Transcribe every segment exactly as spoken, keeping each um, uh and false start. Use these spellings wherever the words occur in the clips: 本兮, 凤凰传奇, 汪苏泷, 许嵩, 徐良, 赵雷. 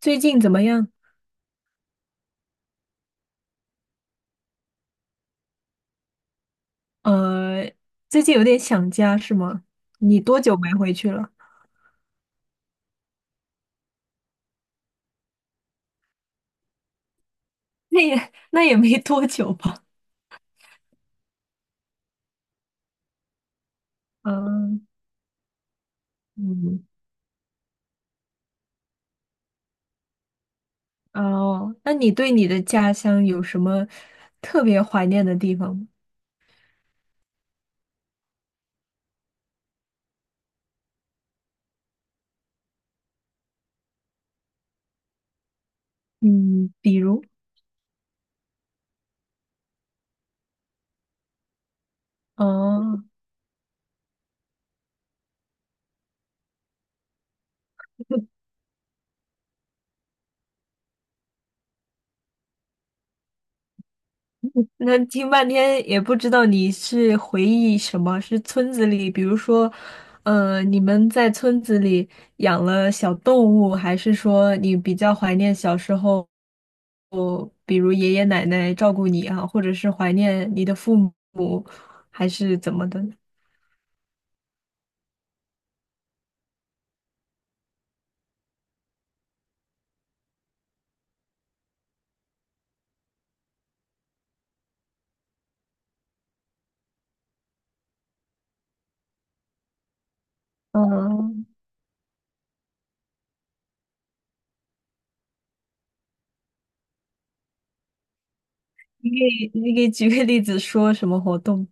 最近怎么样？呃，最近有点想家是吗？你多久没回去了？那也那也没多久吧。嗯。嗯。哦，那你对你的家乡有什么特别怀念的地方吗？嗯，比如。哦。那听半天也不知道你是回忆什么，是村子里，比如说，呃，你们在村子里养了小动物，还是说你比较怀念小时候，哦，比如爷爷奶奶照顾你啊，或者是怀念你的父母，还是怎么的呢？嗯。你给你给举个例子说什么活动？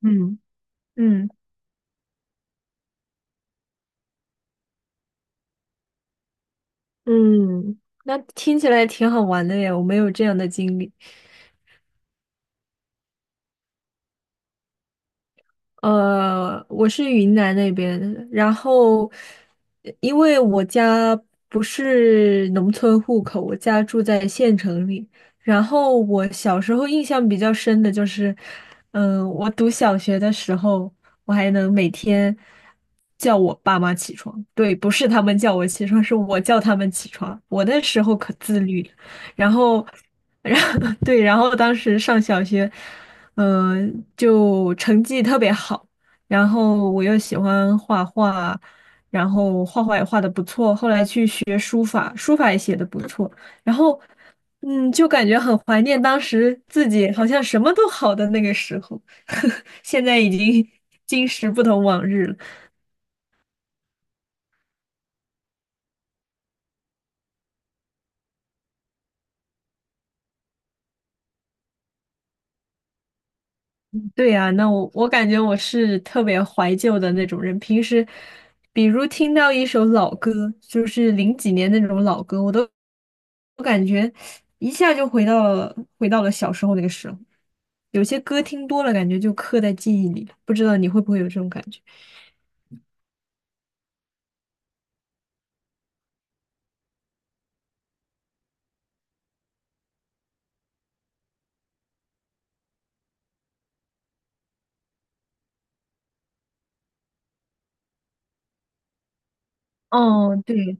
嗯。嗯。嗯，那听起来挺好玩的耶，我没有这样的经历。呃，我是云南那边的，然后因为我家不是农村户口，我家住在县城里。然后我小时候印象比较深的就是，嗯、我读小学的时候，我还能每天叫我爸妈起床。对，不是他们叫我起床，是我叫他们起床。我那时候可自律了，然后，然后对，然后当时上小学。嗯、就成绩特别好，然后我又喜欢画画，然后画画也画的不错，后来去学书法，书法也写的不错，然后嗯，就感觉很怀念当时自己好像什么都好的那个时候，现在已经 今时不同往日了。对呀，那我我感觉我是特别怀旧的那种人。平时，比如听到一首老歌，就是零几年那种老歌，我都我感觉一下就回到了回到了小时候那个时候。有些歌听多了，感觉就刻在记忆里了。不知道你会不会有这种感觉？哦，对，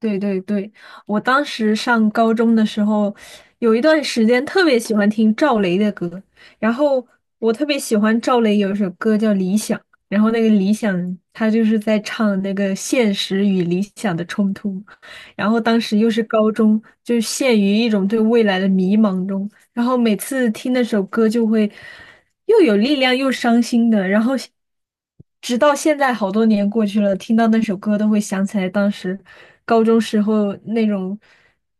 对对对，我当时上高中的时候，有一段时间特别喜欢听赵雷的歌，然后我特别喜欢赵雷有一首歌叫《理想》，然后那个《理想》他就是在唱那个现实与理想的冲突，然后当时又是高中，就陷于一种对未来的迷茫中，然后每次听那首歌就会又有力量又伤心的，然后直到现在好多年过去了，听到那首歌都会想起来当时高中时候那种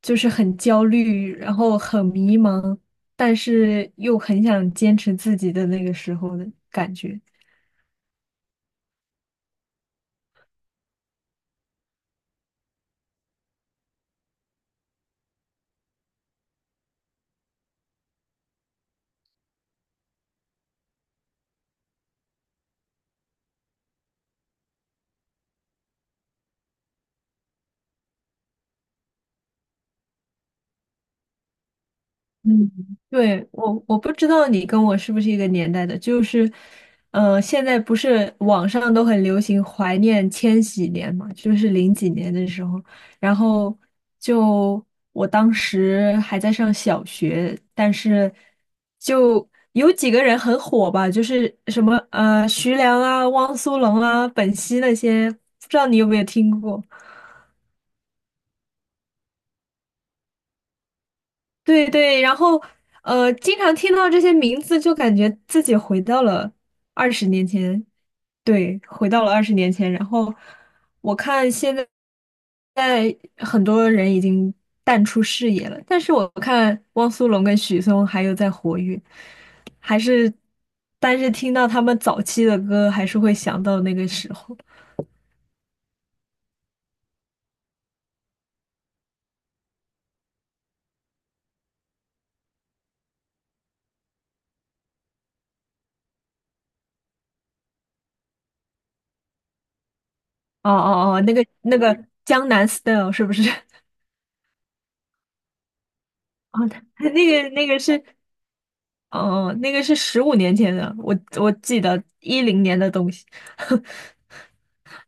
就是很焦虑，然后很迷茫，但是又很想坚持自己的那个时候的感觉。嗯，对，我我不知道你跟我是不是一个年代的，就是，呃，现在不是网上都很流行怀念千禧年嘛，就是零几年的时候，然后就我当时还在上小学，但是就有几个人很火吧，就是什么呃徐良啊、汪苏泷啊、本兮那些，不知道你有没有听过？对对，然后呃，经常听到这些名字，就感觉自己回到了二十年前，对，回到了二十年前。然后我看现在，在很多人已经淡出视野了，但是我看汪苏泷跟许嵩还有在活跃，还是，但是听到他们早期的歌，还是会想到那个时候。哦哦哦，那个那个江南 style 是不是？哦，那个那个是。哦，那个是十五年前的，我我记得一零年的东西，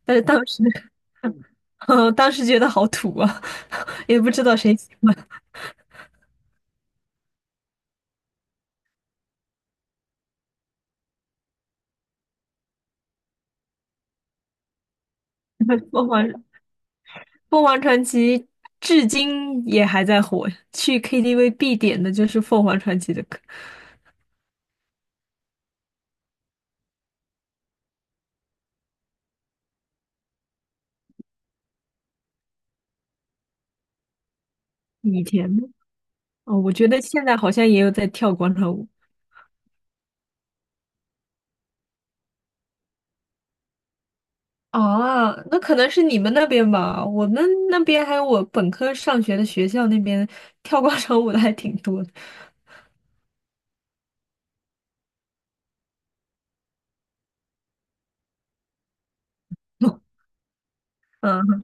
但是当时，嗯，当时觉得好土啊，也不知道谁喜欢凤凰。凤凰传奇，至今也还在火，去 K T V 必点的就是凤凰传奇的歌。以前呢。哦，我觉得现在好像也有在跳广场舞。啊，那可能是你们那边吧，我们那边还有我本科上学的学校那边跳广场舞的还挺多的，嗯。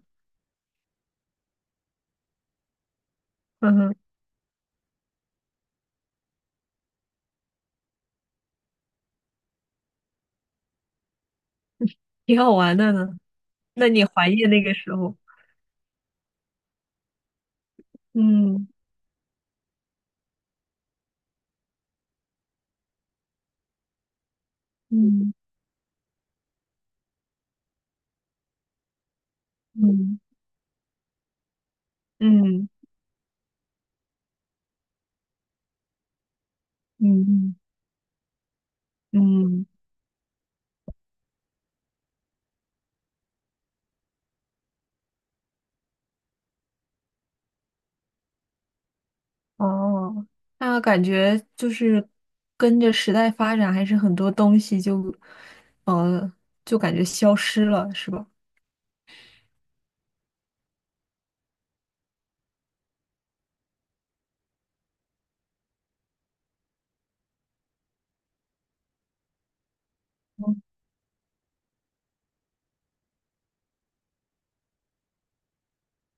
嗯哼，挺好玩的呢。那你怀念那个时候？嗯。嗯。嗯。嗯。嗯。嗯，嗯，哦，那感觉就是跟着时代发展，还是很多东西就，呃，就感觉消失了，是吧？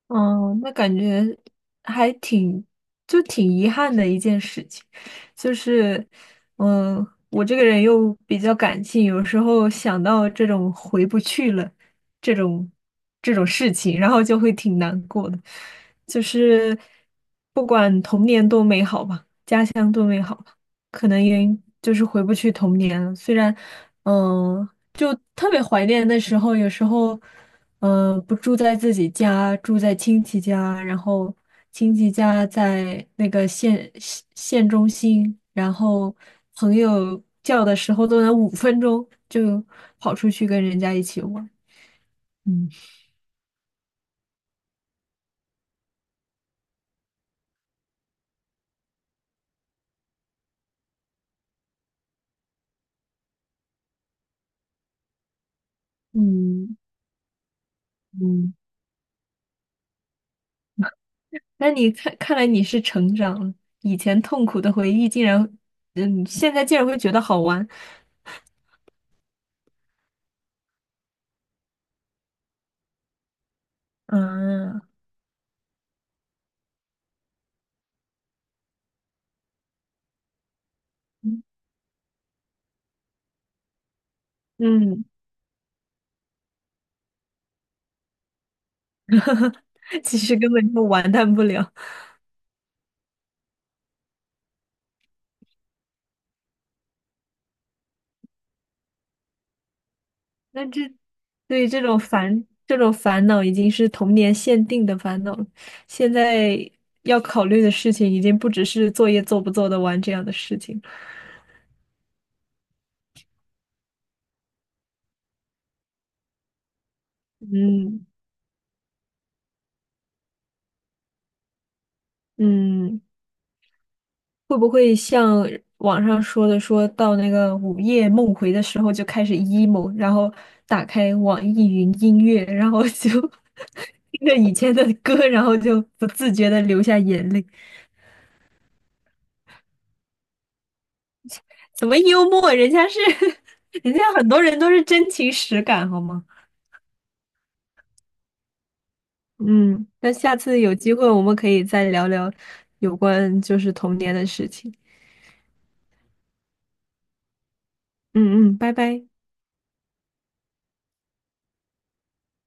嗯，那感觉还挺，就挺遗憾的一件事情，就是，嗯，我这个人又比较感性，有时候想到这种回不去了，这种这种事情，然后就会挺难过的，就是不管童年多美好吧。相对美好吧可能也就是回不去童年了。虽然，嗯，就特别怀念那时候，有时候，嗯，不住在自己家，住在亲戚家，然后亲戚家在那个县县县中心，然后朋友叫的时候都能五分钟就跑出去跟人家一起玩。嗯。嗯。嗯。那你看，看来你是成长了，以前痛苦的回忆竟然，嗯，现在竟然会觉得好玩，嗯。嗯，其实根本就完蛋不了。那这对这种烦这种烦恼已经是童年限定的烦恼了，现在要考虑的事情已经不只是作业做不做得完这样的事情了。嗯。嗯。会不会像网上说的，说到那个午夜梦回的时候就开始 emo,然后打开网易云音乐，然后就 听着以前的歌，然后就不自觉的流下眼泪？怎么幽默？人家是，人家很多人都是真情实感，好吗？嗯，那下次有机会我们可以再聊聊有关就是童年的事情。嗯。嗯，拜拜。